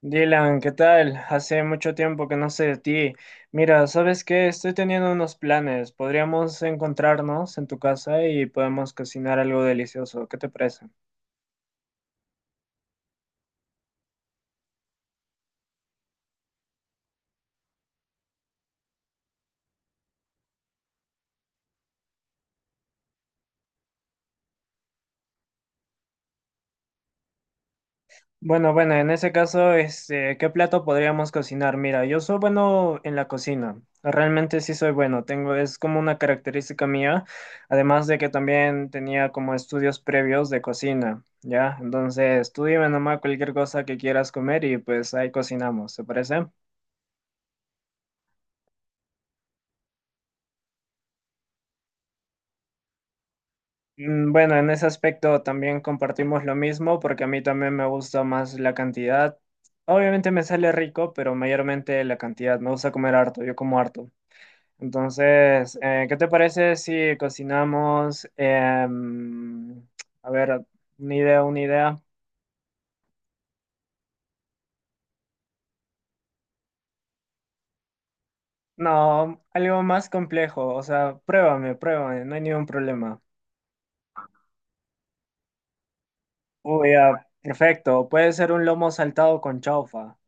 Dylan, ¿qué tal? Hace mucho tiempo que no sé de ti. Mira, ¿sabes qué? Estoy teniendo unos planes. Podríamos encontrarnos en tu casa y podemos cocinar algo delicioso. ¿Qué te parece? Bueno, bueno, en ese caso, ¿qué plato podríamos cocinar? Mira, yo soy bueno en la cocina. Realmente sí soy bueno. Tengo, es como una característica mía. Además de que también tenía como estudios previos de cocina. ¿Ya? Entonces, tú dime nomás cualquier cosa que quieras comer y pues ahí cocinamos. ¿Te parece? Bueno, en ese aspecto también compartimos lo mismo porque a mí también me gusta más la cantidad. Obviamente me sale rico, pero mayormente la cantidad. Me gusta comer harto, yo como harto. Entonces, ¿qué te parece si cocinamos? A ver, una idea, una idea. No, algo más complejo. O sea, pruébame, pruébame, no hay ningún problema. Uy, ya, perfecto. Puede ser un lomo saltado con chaufa.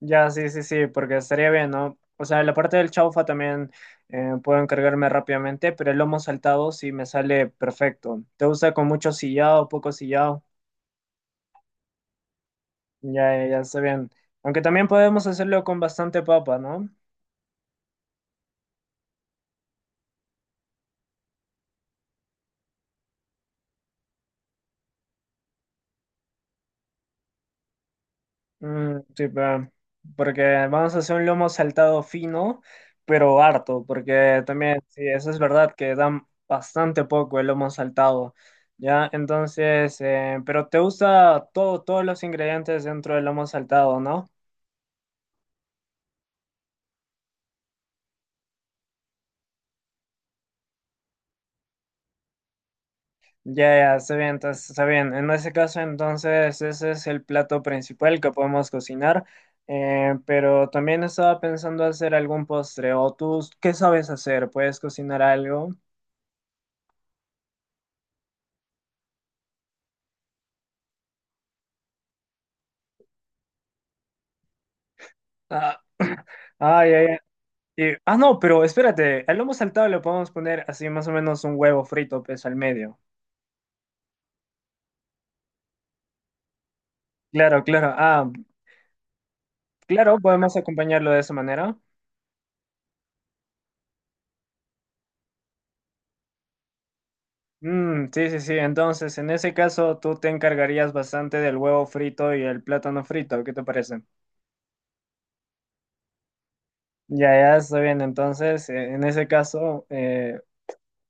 Ya, sí, sí, sí, porque estaría bien, ¿no? O sea, la parte del chaufa también puedo encargarme rápidamente, pero el lomo saltado sí me sale perfecto. ¿Te gusta con mucho sillado, poco sillado? Ya, ya, ya está bien. Aunque también podemos hacerlo con bastante papa, ¿no? Mm, sí, pa, porque vamos a hacer un lomo saltado fino, pero harto, porque también, sí, eso es verdad que dan bastante poco el lomo saltado, ¿ya? Entonces, pero te gusta todo, todos los ingredientes dentro del lomo saltado, ¿no? Ya, ya, está bien, entonces, está bien. En ese caso, entonces, ese es el plato principal que podemos cocinar, pero también estaba pensando hacer algún postre, o tú, ¿qué sabes hacer? ¿Puedes cocinar algo? Ah, ay, ay, ay. Ah, no, pero espérate, al lomo saltado le podemos poner así más o menos un huevo frito, pues, al medio. Claro, claro. Ah, claro, podemos acompañarlo de esa manera. Mm, sí, sí, sí. Entonces, en ese caso, tú te encargarías bastante del huevo frito y el plátano frito. ¿Qué te parece? Ya, ya, está bien. Entonces, en ese caso,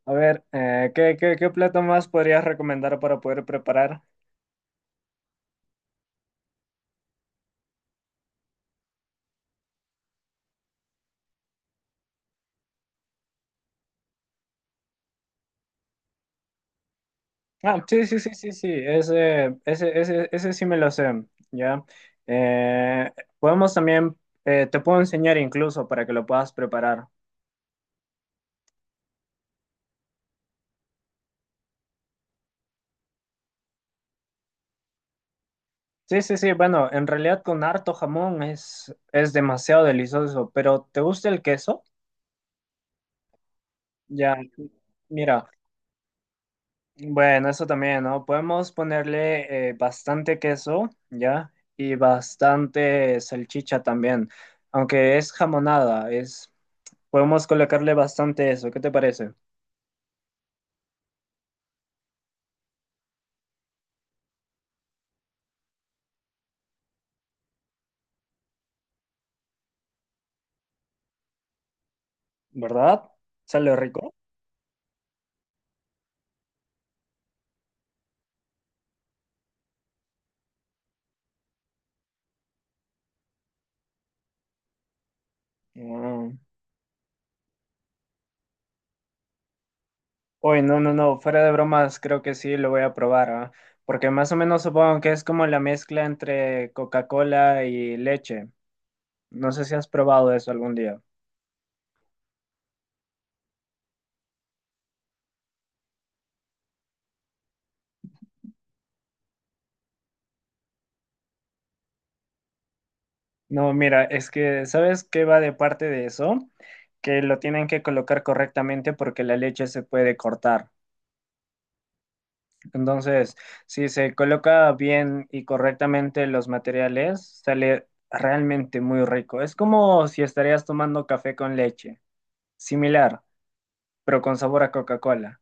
a ver, ¿qué plato más podrías recomendar para poder preparar? Ah, sí, sí, sí, sí, sí, ese sí me lo sé, ¿ya? Eh, podemos también, te puedo enseñar incluso para que lo puedas preparar. Sí, sí, sí, bueno, en realidad con harto jamón es demasiado delicioso, pero ¿te gusta el queso? Ya, mira, bueno, eso también, ¿no? Podemos ponerle bastante queso, ¿ya? Y bastante salchicha también, aunque es jamonada, es, podemos colocarle bastante eso, ¿qué te parece? ¿Verdad? ¿Sale rico? Mm. Uy, no, no, no, fuera de bromas, creo que sí lo voy a probar, ¿ah? Porque más o menos supongo que es como la mezcla entre Coca-Cola y leche. No sé si has probado eso algún día. No, mira, es que, ¿sabes qué va de parte de eso? Que lo tienen que colocar correctamente porque la leche se puede cortar. Entonces, si se coloca bien y correctamente los materiales, sale realmente muy rico. Es como si estarías tomando café con leche. Similar, pero con sabor a Coca-Cola.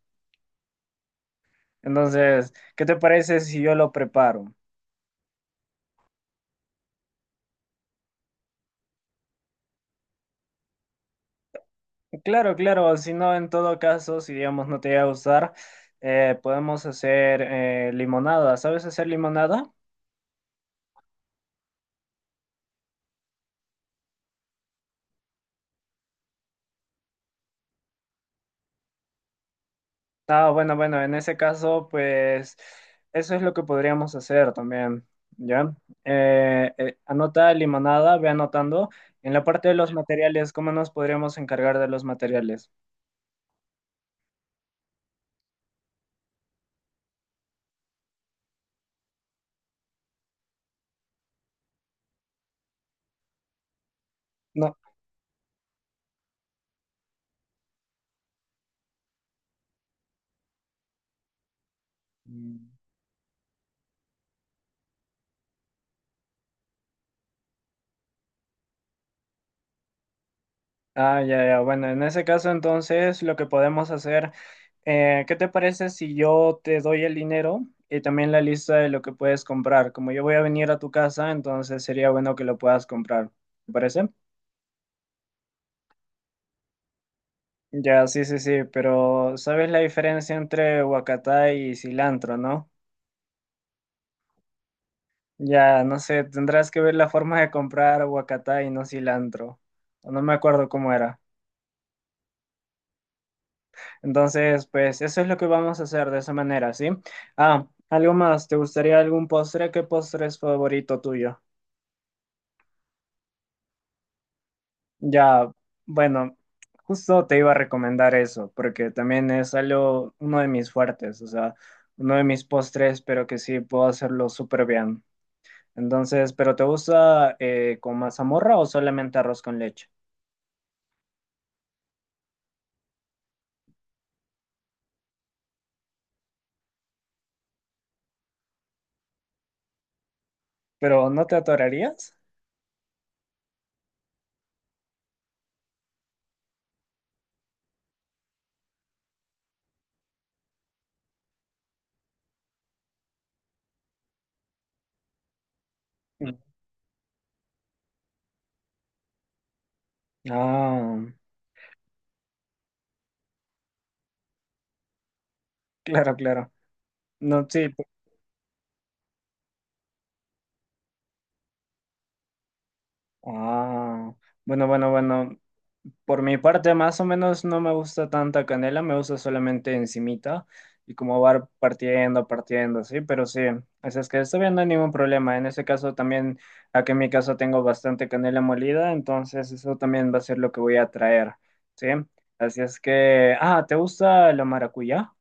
Entonces, ¿qué te parece si yo lo preparo? Claro, claro, si no, en todo caso, si digamos no te va a gustar, podemos hacer limonada. ¿Sabes hacer limonada? Ah, bueno, bueno, en ese caso, pues eso es lo que podríamos hacer también, ¿ya? Anota limonada, ve anotando. En la parte de los materiales, ¿cómo nos podríamos encargar de los materiales? No. Ah, ya, ya. Bueno, en ese caso entonces lo que podemos hacer, ¿qué te parece si yo te doy el dinero y también la lista de lo que puedes comprar? Como yo voy a venir a tu casa, entonces sería bueno que lo puedas comprar. ¿Te parece? Ya, sí, sí, sí, pero ¿sabes la diferencia entre huacatá y cilantro, no? Ya, no sé, tendrás que ver la forma de comprar huacatá y no cilantro. No me acuerdo cómo era. Entonces, pues eso es lo que vamos a hacer de esa manera, ¿sí? Ah, algo más, ¿te gustaría algún postre? ¿Qué postre es favorito tuyo? Ya, bueno, justo te iba a recomendar eso, porque también es algo, uno de mis fuertes, o sea, uno de mis postres, pero que sí puedo hacerlo súper bien. Entonces, ¿pero te gusta con mazamorra o solamente arroz con leche? ¿Pero no te atorarías? Mm. Ah, claro, claro. No, sí. Ah, bueno, bueno, bueno. Por mi parte, más o menos no me gusta tanta canela, me gusta solamente encimita y como va partiendo, partiendo, sí, pero sí, así es que está bien, no hay ningún problema. En ese caso también, aquí en mi caso tengo bastante canela molida, entonces eso también va a ser lo que voy a traer, sí. Así es que, ah, ¿te gusta la maracuyá?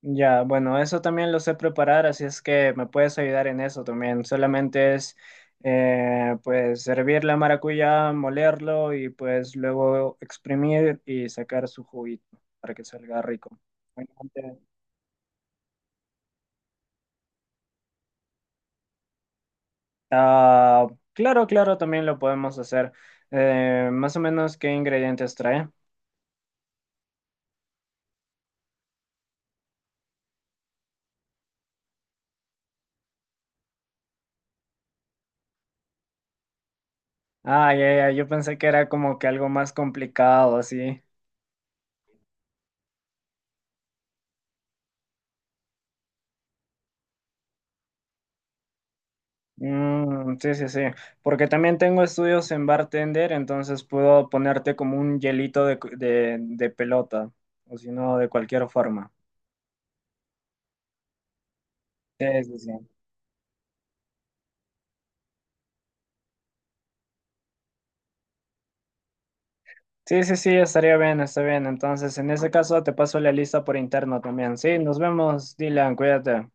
Ya, bueno, eso también lo sé preparar, así es que me puedes ayudar en eso también. Solamente es, pues, servir la maracuyá, molerlo y pues luego exprimir y sacar su juguito para que salga rico. Bueno, antes- Ah, claro, claro, también lo podemos hacer. Más o menos, ¿qué ingredientes trae? Ah, ya, ya, yo pensé que era como que algo más complicado, así. Mm, sí, sí, sí. Porque también tengo estudios en bartender, entonces puedo ponerte como un hielito de pelota, o si no, de cualquier forma. Sí, sí, sí. Sí, sí, sí, estaría bien, está bien. Entonces, en ese caso, te paso la lista por interno también. Sí, nos vemos, Dylan, cuídate.